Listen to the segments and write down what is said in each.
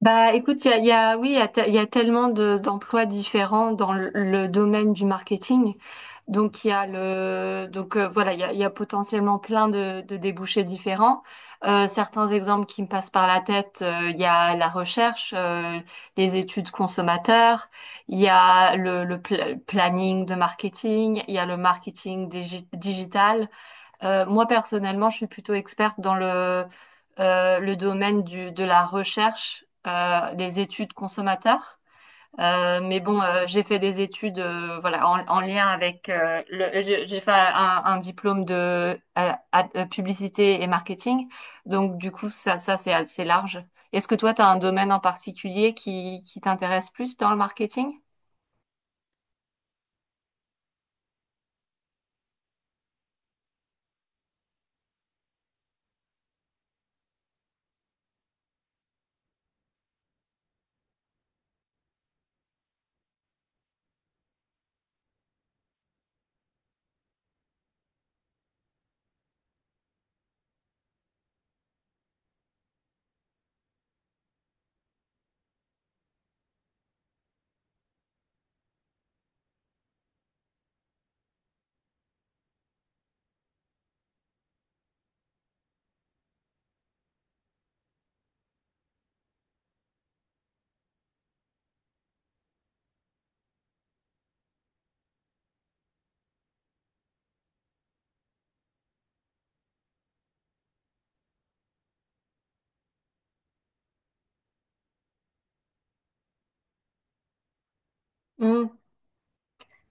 Bah, écoute, oui, il y a tellement d'emplois différents dans le domaine du marketing. Donc, voilà, il y a potentiellement plein de débouchés différents. Certains exemples qui me passent par la tête, il y a la recherche, les études consommateurs, il y a le planning de marketing, il y a le marketing digital. Moi, personnellement, je suis plutôt experte dans le domaine de la recherche, des études consommateurs. Mais bon, j'ai fait des études, voilà, en lien avec, j'ai fait un diplôme de publicité et marketing. Donc, du coup, ça c'est assez large. Est-ce que toi, tu as un domaine en particulier qui t'intéresse plus dans le marketing?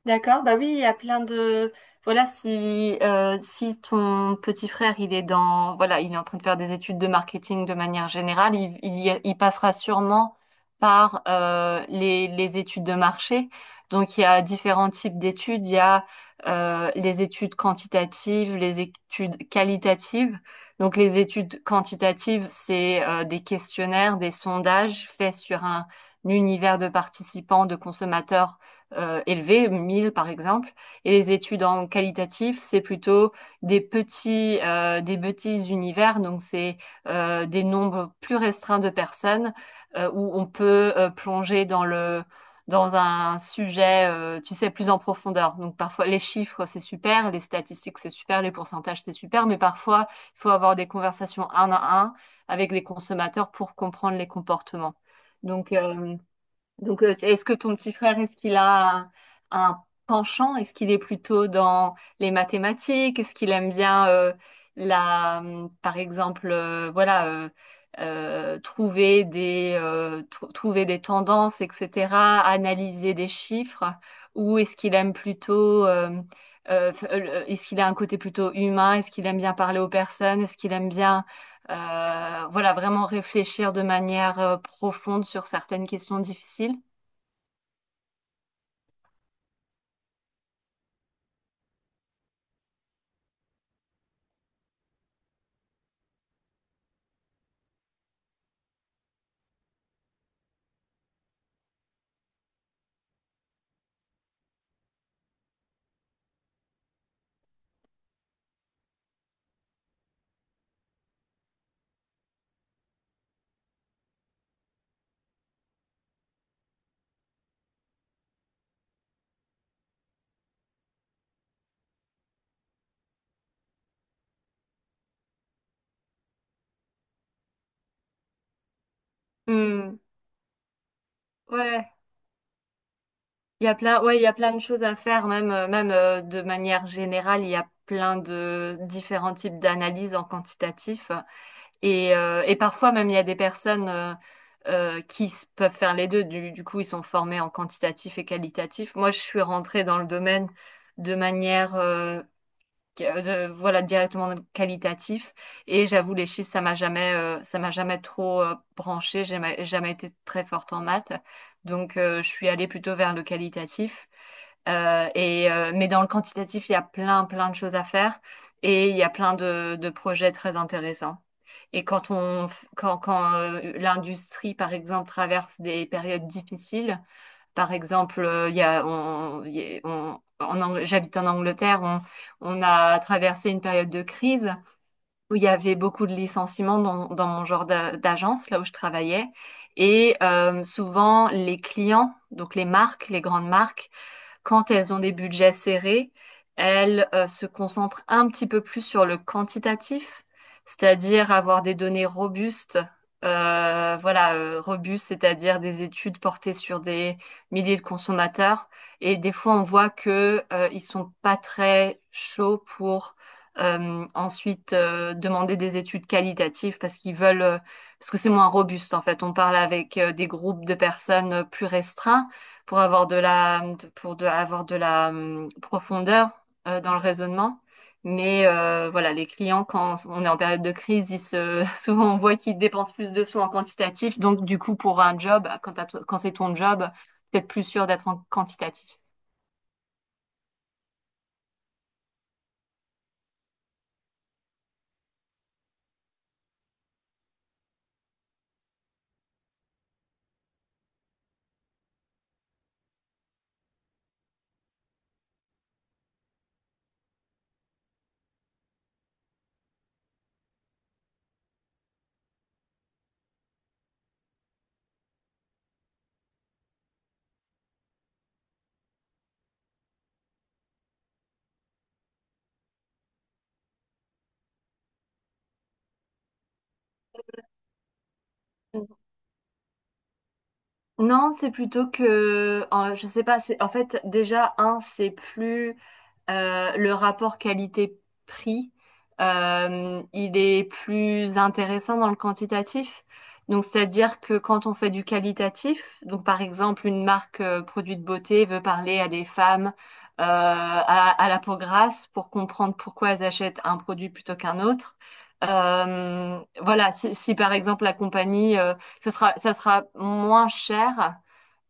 D'accord, bah oui, il y a plein de, voilà, si ton petit frère, il est dans, voilà, il est en train de faire des études de marketing de manière générale, il passera sûrement par les études de marché. Donc, il y a différents types d'études. Il y a les études quantitatives, les études qualitatives. Donc, les études quantitatives, c'est des questionnaires, des sondages faits sur un univers de participants, de consommateurs, élevés, 1000 par exemple. Et les études en qualitatif, c'est plutôt des petits univers, donc c'est des nombres plus restreints de personnes, où on peut plonger dans un sujet, tu sais, plus en profondeur. Donc parfois les chiffres, c'est super, les statistiques, c'est super, les pourcentages, c'est super, mais parfois il faut avoir des conversations un à un avec les consommateurs pour comprendre les comportements. Donc, euh, donc, est-ce que ton petit frère, est-ce qu'il a un penchant? Est-ce qu'il est plutôt dans les mathématiques? Est-ce qu'il aime bien, par exemple, trouver des tendances, etc., analyser des chiffres? Ou est-ce qu'il aime plutôt, est-ce qu'il a un côté plutôt humain? Est-ce qu'il aime bien parler aux personnes? Est-ce qu'il aime bien, voilà, vraiment réfléchir de manière, profonde sur certaines questions difficiles? Hmm. Ouais, il y a plein, ouais, il y a plein de choses à faire, même, de manière générale, il y a plein de différents types d'analyses en quantitatif. Et parfois même, il y a des personnes, peuvent faire les deux. Du coup, ils sont formés en quantitatif et qualitatif. Moi, je suis rentrée dans le domaine de manière, voilà, directement qualitatif. Et j'avoue, les chiffres, ça m'a jamais trop, branché. Jamais été très forte en maths, donc, je suis allée plutôt vers le qualitatif. Mais dans le quantitatif, il y a plein plein de choses à faire, et il y a plein de projets très intéressants. Et quand l'industrie par exemple traverse des périodes difficiles, par exemple, il y a, on, il y a- on- en Ang- j'habite en Angleterre, on a traversé une période de crise où il y avait beaucoup de licenciements dans mon genre d'agence, là où je travaillais. Souvent, les clients, donc les marques, les grandes marques, quand elles ont des budgets serrés, elles, se concentrent un petit peu plus sur le quantitatif, c'est-à-dire avoir des données robustes. Voilà, robustes, c'est-à-dire des études portées sur des milliers de consommateurs. Et des fois, on voit que, ils sont pas très chauds pour, ensuite, demander des études qualitatives parce qu'ils veulent, parce que c'est moins robuste en fait. On parle avec, des groupes de personnes, plus restreints, pour avoir de la, pour de, avoir de la, profondeur, dans le raisonnement. Voilà, les clients, quand on est en période de crise, souvent on voit qu'ils dépensent plus de sous en quantitatif. Donc du coup, pour un job, quand c'est ton job, peut-être plus sûr d'être en quantitatif. Non, c'est plutôt que, je sais pas, c'est en fait déjà un, c'est plus, le rapport qualité-prix, il est plus intéressant dans le quantitatif. Donc c'est-à-dire que quand on fait du qualitatif, donc par exemple une marque, produit de beauté, veut parler à des femmes, à la peau grasse, pour comprendre pourquoi elles achètent un produit plutôt qu'un autre. Voilà, si par exemple la compagnie, ça sera moins cher,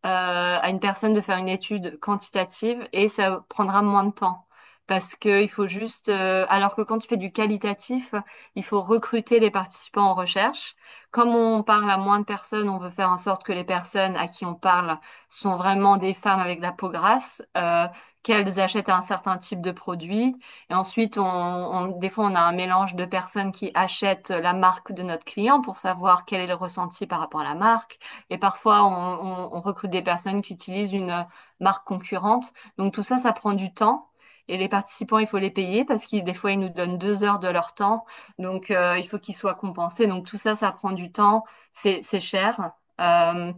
à une personne de faire une étude quantitative, et ça prendra moins de temps. Parce que il faut juste, alors que quand tu fais du qualitatif, il faut recruter les participants en recherche. Comme on parle à moins de personnes, on veut faire en sorte que les personnes à qui on parle sont vraiment des femmes avec de la peau grasse, qu'elles achètent un certain type de produit. Et ensuite, des fois, on a un mélange de personnes qui achètent la marque de notre client pour savoir quel est le ressenti par rapport à la marque. Et parfois, on recrute des personnes qui utilisent une, marque concurrente. Donc tout ça, ça prend du temps. Et les participants, il faut les payer parce qu'ils, des fois, ils nous donnent 2 heures de leur temps. Il faut qu'ils soient compensés. Donc tout ça, ça prend du temps. C'est cher. Euh,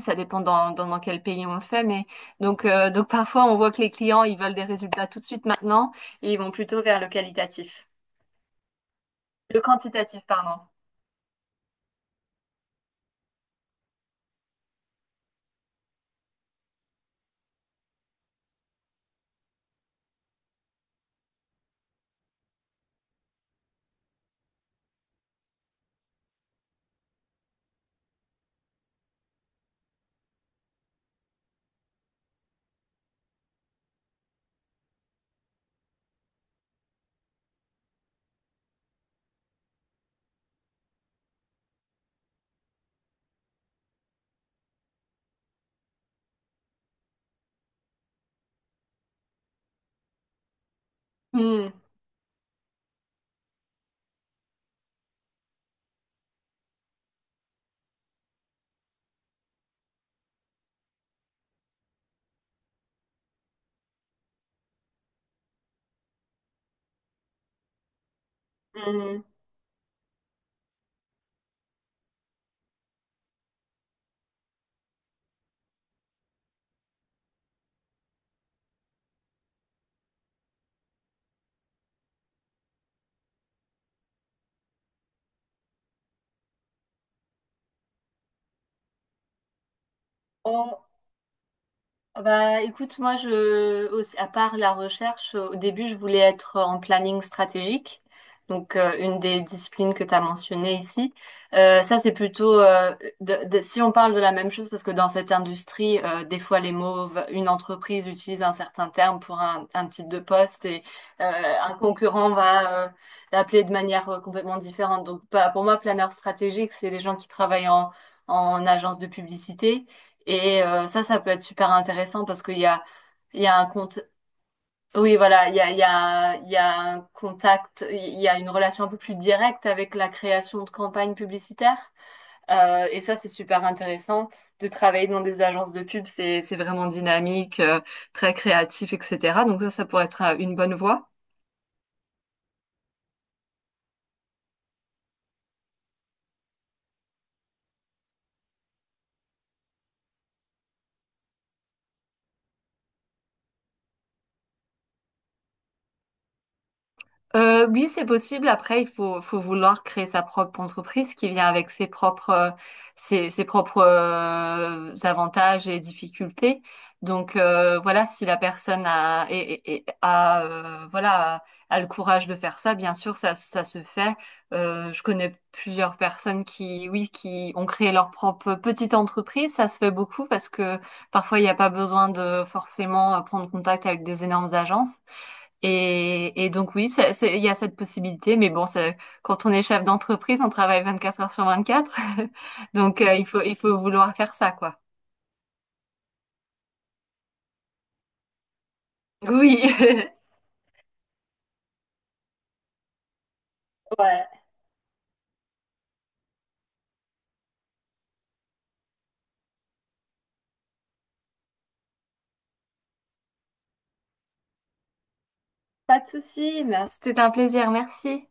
Ça dépend dans quel pays on le fait. Mais donc parfois, on voit que les clients, ils veulent des résultats tout de suite maintenant, et ils vont plutôt vers le qualitatif. Le quantitatif, pardon. Hmm. Hmm. On, Ah, bah, écoute, moi, à part la recherche, au début, je voulais être en planning stratégique, donc, une des disciplines que tu as mentionnées ici. Ça, c'est plutôt, si on parle de la même chose, parce que dans cette industrie, des fois, les mots, une entreprise utilise un certain terme pour un titre de poste, et, euh, un concurrent va, l'appeler de manière, complètement différente. Donc, pas pour moi, planeur stratégique, c'est les gens qui travaillent en agence de publicité, et, ça peut être super intéressant parce qu'il y a un compte. Oui, voilà, il y a un contact, il y a une relation un peu plus directe avec la création de campagnes publicitaires. Et ça, c'est super intéressant de travailler dans des agences de pub. C'est vraiment dynamique, très créatif, etc. Donc ça pourrait être, une bonne voie. Oui, c'est possible. Après, faut vouloir créer sa propre entreprise qui vient avec ses propres, avantages et difficultés. Voilà, si la personne a, et a, voilà, a le courage de faire ça, bien sûr, ça se fait. Je connais plusieurs personnes qui, oui, qui ont créé leur propre petite entreprise. Ça se fait beaucoup parce que parfois, il n'y a pas besoin de forcément, prendre contact avec des énormes agences. Et donc oui, il y a cette possibilité, mais bon, quand on est chef d'entreprise, on travaille 24 heures sur 24, il faut vouloir faire ça, quoi. Oui, Pas de souci, merci. C'était un plaisir, merci.